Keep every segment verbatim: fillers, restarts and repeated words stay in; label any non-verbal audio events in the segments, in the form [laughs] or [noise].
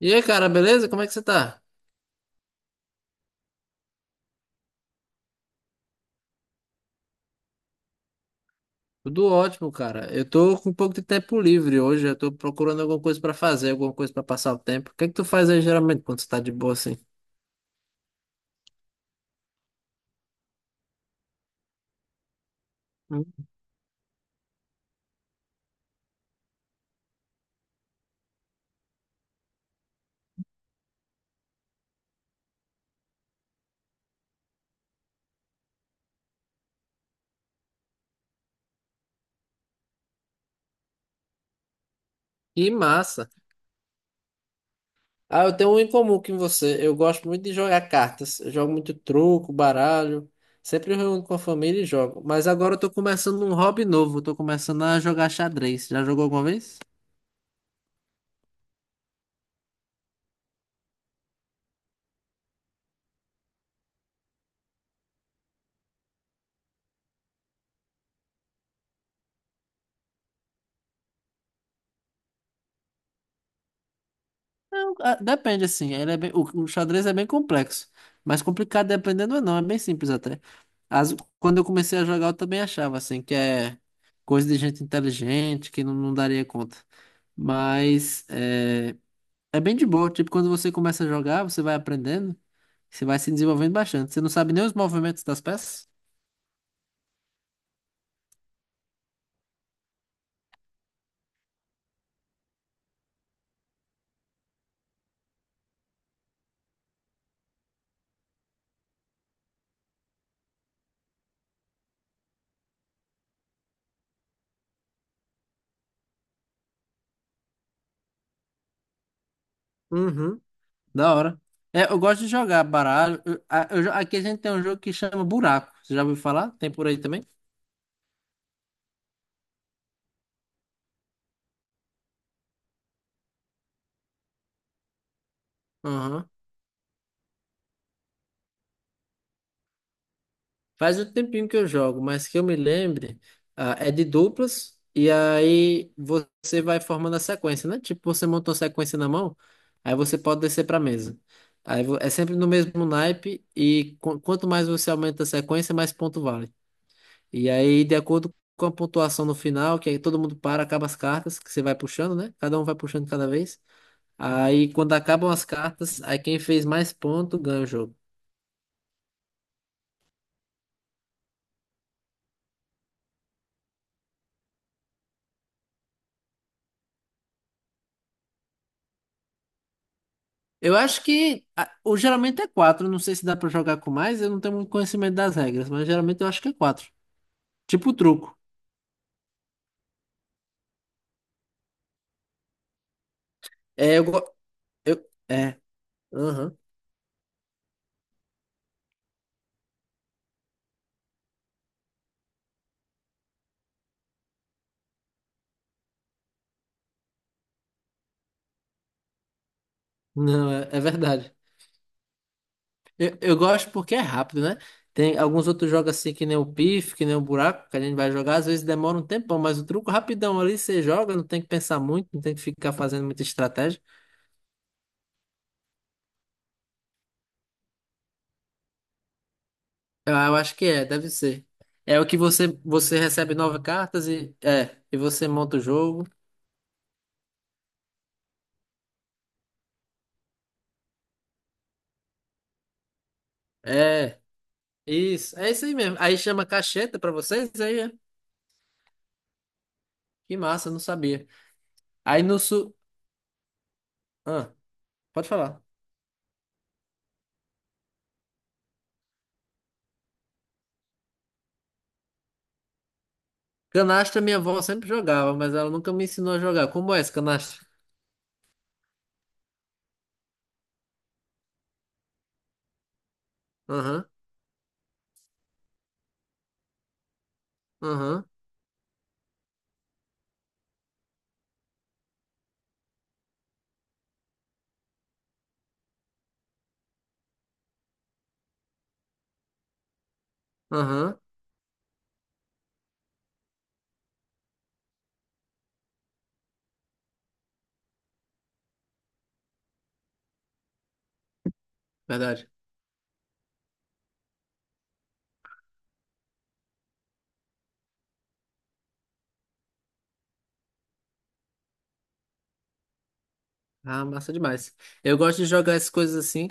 E aí, cara, beleza? Como é que você tá? Tudo ótimo, cara. Eu tô com um pouco de tempo livre hoje. Eu tô procurando alguma coisa pra fazer, alguma coisa pra passar o tempo. O que é que tu faz aí geralmente quando você tá de boa assim? Hum. Que massa. Ah, eu tenho um em comum com você. Eu gosto muito de jogar cartas. Eu jogo muito truco, baralho. Sempre eu reúno com a família e jogo. Mas agora eu tô começando um hobby novo. Eu tô começando a jogar xadrez. Já jogou alguma vez? Não, ah, depende, assim. Ele é bem, o, o xadrez é bem complexo. Mas complicado dependendo, ou não. É bem simples até. As- quando eu comecei a jogar, eu também achava, assim, que é coisa de gente inteligente, que não, não daria conta. Mas é, é bem de boa. Tipo, quando você começa a jogar, você vai aprendendo, você vai se desenvolvendo bastante. Você não sabe nem os movimentos das peças? Uhum. Da hora. É, eu gosto de jogar baralho. Eu- a- eu jo- aqui a gente tem um jogo que chama Buraco. Você já ouviu falar? Tem por aí também? Aham. Faz um tempinho que eu jogo, mas que eu me lembre, ah, é de duplas, e aí você vai formando a sequência, né? Tipo, você montou a sequência na mão, aí você pode descer para mesa. Aí vo- é sempre no mesmo naipe, e qu- quanto mais você aumenta a sequência, mais ponto vale. E aí, de acordo com a pontuação no final, que aí todo mundo para, acaba as cartas, que você vai puxando, né? Cada um vai puxando cada vez. Aí, quando acabam as cartas, aí quem fez mais ponto ganha o jogo. Eu acho que ah, o geralmente é quatro. Não sei se dá pra jogar com mais. Eu não tenho muito conhecimento das regras, mas geralmente eu acho que é quatro. Tipo truco. É, eu, go- eu é. Aham. Não, é, é verdade. Eu, eu gosto porque é rápido, né? Tem alguns outros jogos assim que nem o pif, que nem o buraco, que a gente vai jogar, às vezes demora um tempão, mas o truco rapidão ali você joga, não tem que pensar muito, não tem que ficar fazendo muita estratégia. Eu, eu acho que é, deve ser. É o que você você recebe nove cartas e é, e você monta o jogo. É. Isso, é isso aí mesmo. Aí chama cacheta pra vocês, aí é. Que massa, não sabia. Aí no sul. Ah, pode falar. Canastra minha avó sempre jogava, mas ela nunca me ensinou a jogar. Como é esse canastra? Aham, aham, aham. Verdade. Ah, massa demais. Eu gosto de jogar essas coisas assim,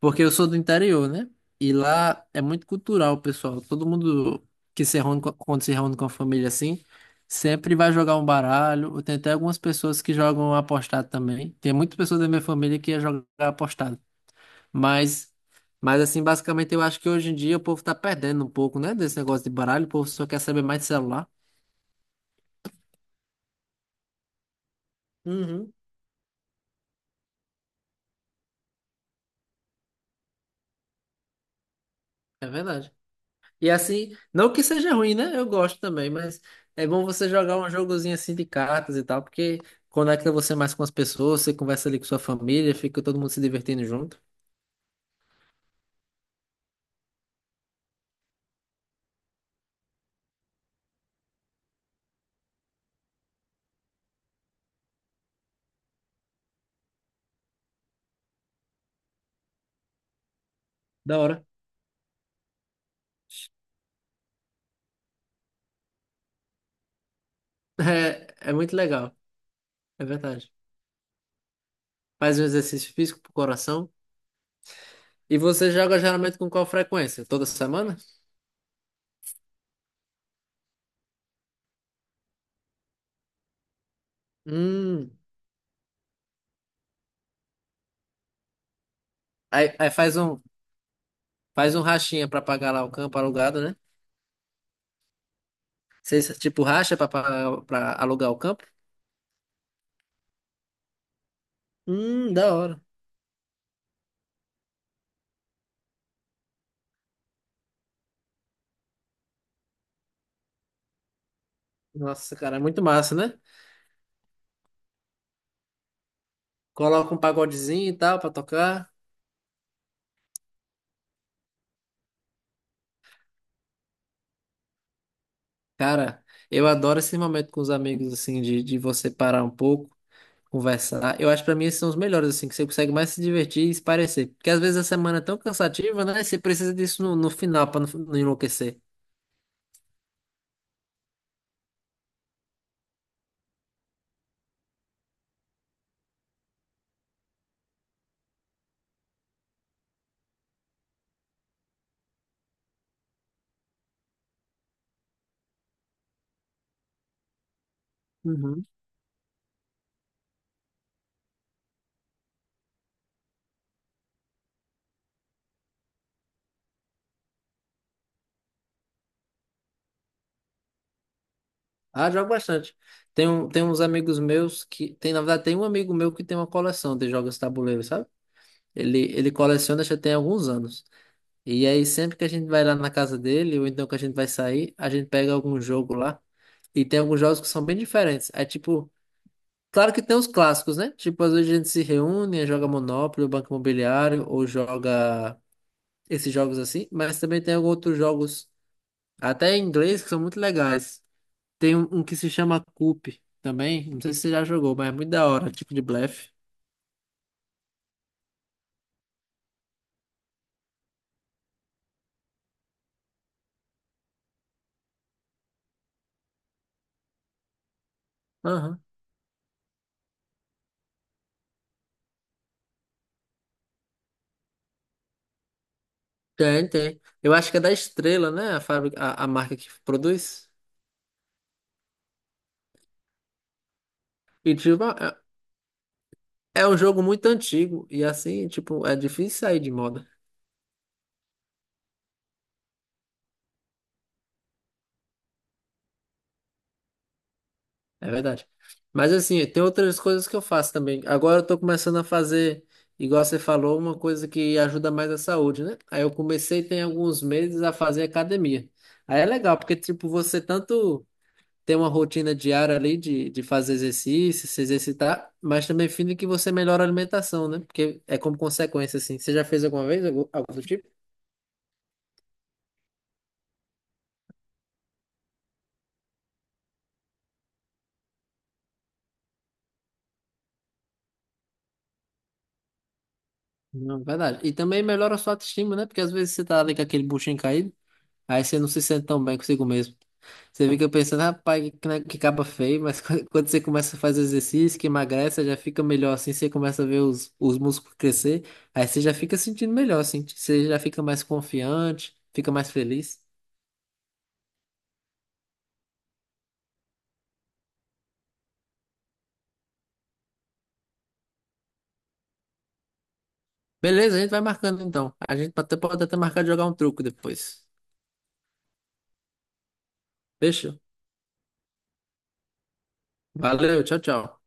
porque eu sou do interior, né? E lá é muito cultural, pessoal. Todo mundo que se reúne, co- quando se reúne com a família assim, sempre vai jogar um baralho. Tem até algumas pessoas que jogam apostado também. Tem muitas pessoas da minha família que ia jogar apostado. Mas, mas assim, basicamente eu acho que hoje em dia o povo tá perdendo um pouco, né? Desse negócio de baralho, o povo só quer saber mais de celular. Uhum. É verdade. E assim, não que seja ruim, né? Eu gosto também, mas é bom você jogar um jogozinho assim de cartas e tal, porque conecta você mais com as pessoas, você conversa ali com sua família, fica todo mundo se divertindo junto. Da hora. [laughs] É, é muito legal, é verdade. Faz um exercício físico pro coração. E você joga geralmente com qual frequência? Toda semana? Hum. Aí, aí faz um, faz um rachinha pra pagar lá o campo alugado, né? Vocês, tipo, racha pra, pagar- pra alugar o campo? Hum, da hora. Nossa, cara, é muito massa, né? Coloca um pagodezinho e tal pra tocar. Cara, eu adoro esse momento com os amigos, assim, de, de você parar um pouco, conversar. Eu acho que pra mim esses são os melhores, assim, que você consegue mais se divertir e se parecer. Porque às vezes a semana é tão cansativa, né? Você precisa disso no, no final pra não, não enlouquecer. Uhum. Ah, jogo bastante. Tem, um, tem uns amigos meus que. Tem, na verdade, tem um amigo meu que tem uma coleção de jogos de tabuleiro, sabe? Ele, ele coleciona já tem alguns anos. E aí, sempre que a gente vai lá na casa dele, ou então que a gente vai sair, a gente pega algum jogo lá. E tem alguns jogos que são bem diferentes. É tipo, claro que tem os clássicos, né? Tipo, às vezes a gente se reúne, joga Monopoly, ou Banco Imobiliário, ou joga esses jogos assim. Mas também tem alguns outros jogos, até em inglês, que são muito legais. Tem um, um que se chama Coup também. Não sei se você já jogou, mas é muito da hora, tipo de blefe. Aham. Tem, tem. Eu acho que é da Estrela, né? A fábrica, a, a marca que produz. E, tipo, é é um jogo muito antigo. E assim, tipo, é difícil sair de moda. É verdade. Mas assim, tem outras coisas que eu faço também. Agora eu tô começando a fazer, igual você falou, uma coisa que ajuda mais a saúde, né? Aí eu comecei tem alguns meses a fazer academia. Aí é legal, porque, tipo, você tanto. Ter uma rotina diária ali de, de fazer exercício, se exercitar, mas também fim que você melhora a alimentação, né? Porque é como consequência, assim. Você já fez alguma vez algo, algo do tipo? Não, verdade. E também melhora a sua autoestima, né? Porque às vezes você tá ali com aquele buchinho caído, aí você não se sente tão bem consigo mesmo. Você fica pensando, rapaz, que, né, que caba feio, mas [laughs] quando quando você começa a fazer exercício, que emagrece, já fica melhor assim, você começa a ver os, os músculos crescer, aí você já fica sentindo melhor, assim, você já fica mais confiante, fica mais feliz. Beleza, a gente vai marcando então. A gente até pode até marcar de jogar um truco depois. Fechou? Valeu, tchau, tchau.